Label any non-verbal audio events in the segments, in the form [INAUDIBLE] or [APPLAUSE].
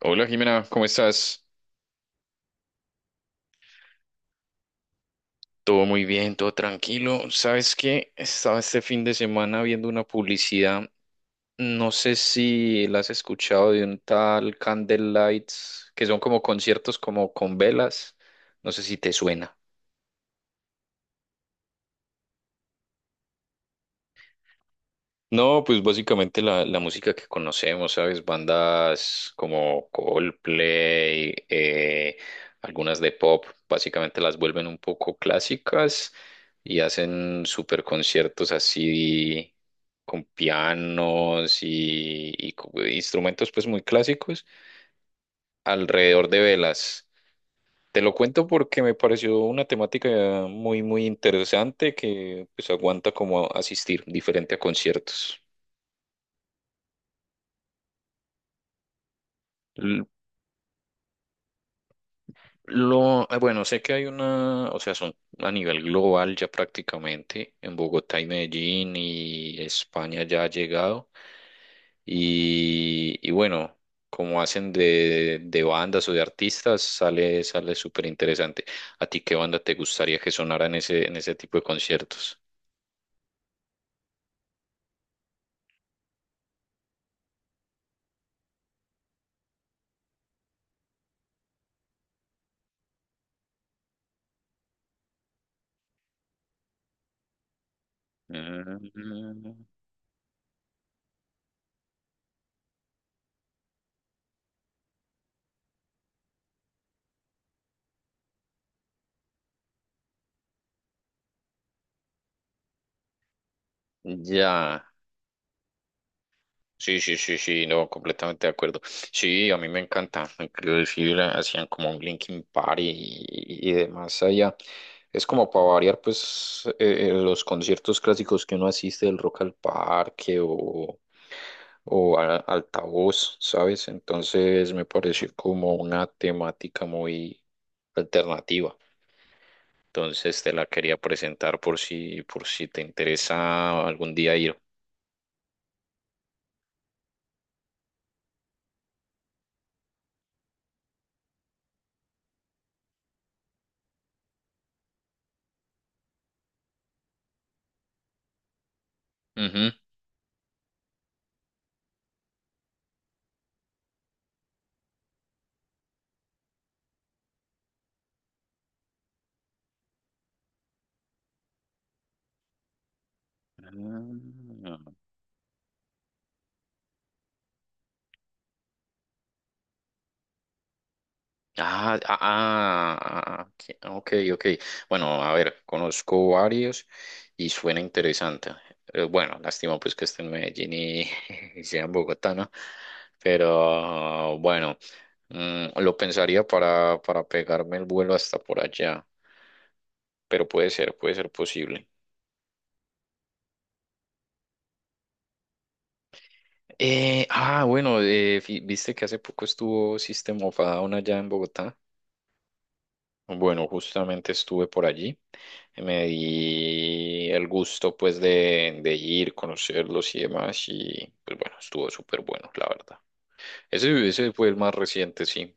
Hola Jimena, ¿cómo estás? Todo muy bien, todo tranquilo. ¿Sabes qué? Estaba este fin de semana viendo una publicidad, no sé si la has escuchado, de un tal Candlelights, que son como conciertos como con velas, no sé si te suena. No, pues básicamente la música que conocemos, ¿sabes? Bandas como Coldplay, algunas de pop, básicamente las vuelven un poco clásicas y hacen super conciertos así con pianos y instrumentos pues muy clásicos alrededor de velas. Te lo cuento porque me pareció una temática muy interesante que pues aguanta como asistir diferente a conciertos. Bueno, sé que hay una, o sea, son a nivel global ya prácticamente, en Bogotá y Medellín y España ya ha llegado. Y bueno, como hacen de bandas o de artistas, sale súper interesante. ¿A ti qué banda te gustaría que sonara en ese tipo de conciertos? Mm, ya. Sí, sí, sí, sí, no, completamente de acuerdo. Sí, a mí me encanta. Inclusive hacían como un Linkin Park y demás allá. Es como para variar, pues, los conciertos clásicos que uno asiste del Rock al Parque o Altavoz, ¿sabes? Entonces me pareció como una temática muy alternativa. Entonces te la quería presentar por si te interesa algún día ir. Ujú. Ah. Ah, ah, ah, ah, ah, ok, ok. Bueno, a ver, conozco varios y suena interesante. Bueno, lástima pues que esté en Medellín y, [LAUGHS] y sea en Bogotá, ¿no? Pero bueno, lo pensaría para pegarme el vuelo hasta por allá, pero puede ser posible. Bueno, viste que hace poco estuvo System of a Down allá en Bogotá. Bueno, justamente estuve por allí. Me di el gusto pues de ir, conocerlos y demás. Y pues bueno, estuvo súper bueno, la verdad. Ese fue el más reciente, sí.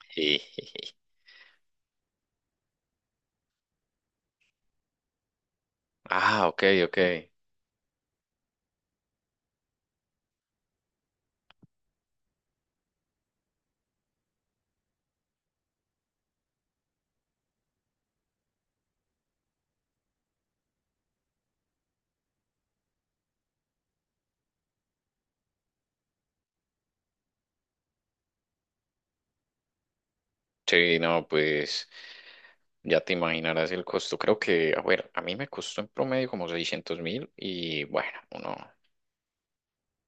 [LAUGHS] Ah, ok, ok. Sí, no, pues ya te imaginarás el costo. Creo que, a ver, a mí me costó en promedio como 600.000 y bueno, uno,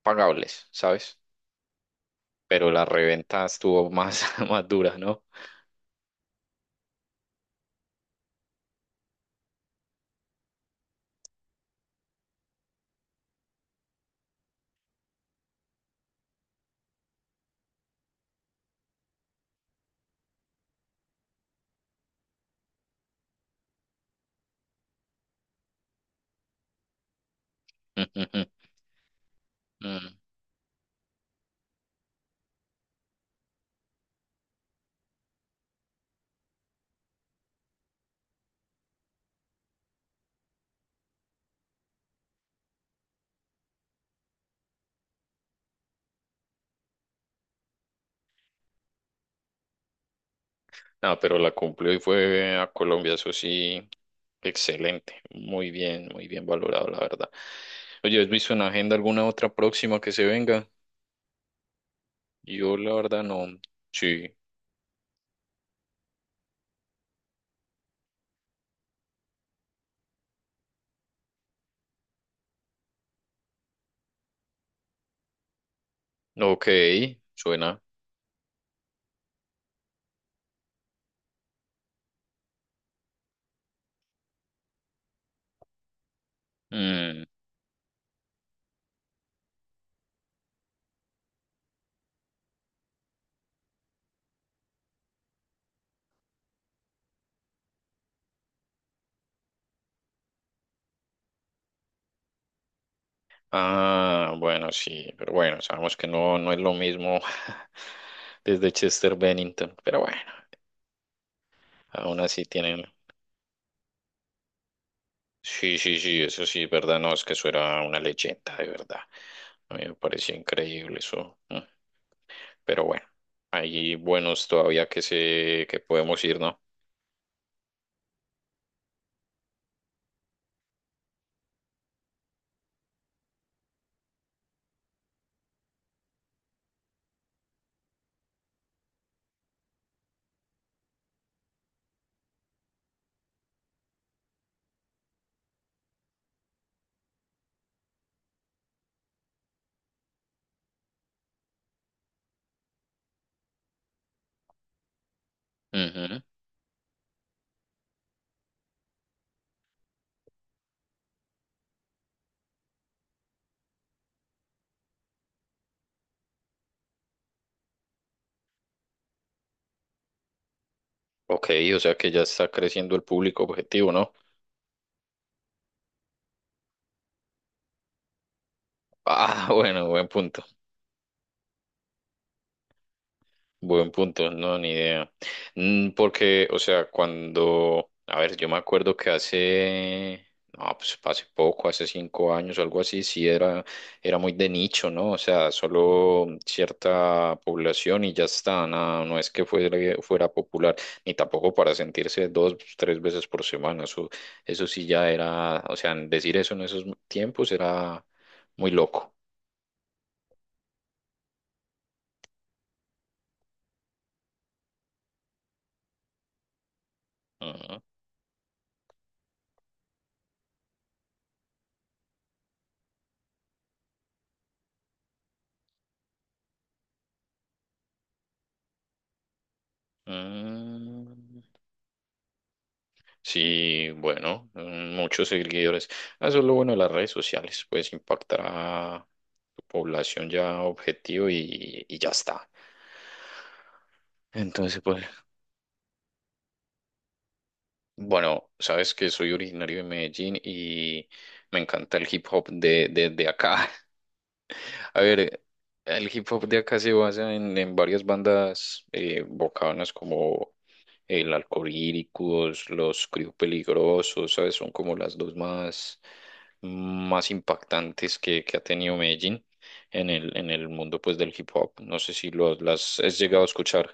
pagables, ¿sabes? Pero la reventa estuvo más, [LAUGHS] más dura, ¿no? [LAUGHS] No, pero la cumplió y fue a Colombia, eso sí, excelente, muy bien valorado, la verdad. Oye, ¿has visto en la agenda alguna otra próxima que se venga? Yo la verdad no, sí, ok, suena. Mm, ah, bueno, sí, pero bueno, sabemos que no, no es lo mismo [LAUGHS] desde Chester Bennington, pero bueno, aún así tienen, sí, sí, sí, eso sí, verdad, no, es que eso era una leyenda, de verdad. A mí me parecía increíble eso. Mm. Pero bueno, hay buenos todavía que podemos ir, ¿no? Ujú. Ok, o sea que ya está creciendo el público objetivo, ¿no? Ah, [LAUGHS] bueno, buen punto. Buen punto, no, ni idea. Mm. Porque, o sea, cuando, a ver, yo me acuerdo que no, pues hace poco, hace 5 años o algo así, era muy de nicho, ¿no? O sea, solo cierta población y ya está, nada, no es que fuera popular, ni tampoco para sentirse dos, tres veces por semana, eso sí ya era, o sea, decir eso en esos tiempos era muy loco. Ujú. Mm. Sí, bueno, mm, muchos seguidores. Ah, eso es lo bueno de las redes sociales, pues impactar a tu población ya objetivo y ya está. Entonces, pues, bueno, sabes que soy originario de Medellín y me encanta el hip hop de acá. [LAUGHS] A ver, el hip hop de acá se basa en varias bandas bocanas como el Alcohólicos, los Crío Peligrosos, ¿sabes? Son como las dos más impactantes que ha tenido Medellín en el mundo pues del hip hop. No sé si lo, las has llegado a escuchar.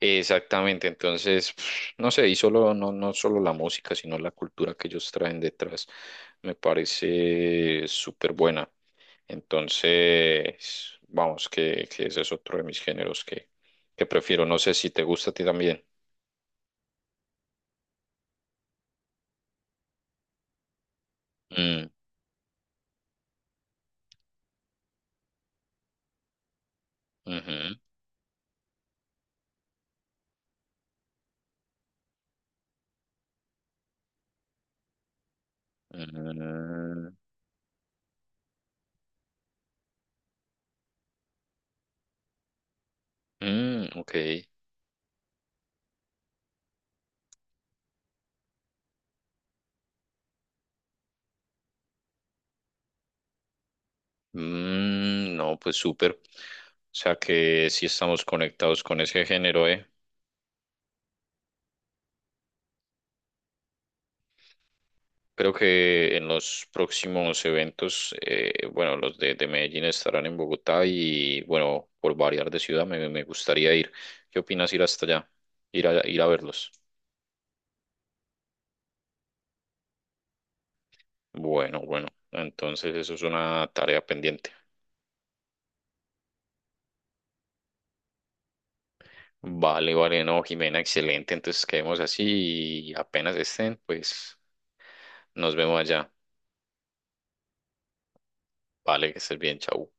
Exactamente, entonces, [SNIFFS] no sé, y solo, no, no solo la música, sino la cultura que ellos traen detrás me parece súper buena. Entonces, vamos, que ese es otro de mis géneros que prefiero. No sé si te gusta a ti también. Mm. Ujú. Mm, mm, ok. Mm, no, pues súper. O sea que sí estamos conectados con ese género, ¿eh? Creo que en los próximos eventos, bueno, los de Medellín estarán en Bogotá y, bueno, por variar de ciudad me gustaría ir. ¿Qué opinas ir hasta allá? Ir a verlos. Bueno, bueno, entonces eso es una tarea pendiente. Vale, vale, no, Jimena, excelente. Entonces quedemos así y apenas estén, pues nos vemos allá. Vale, que estés bien, chau.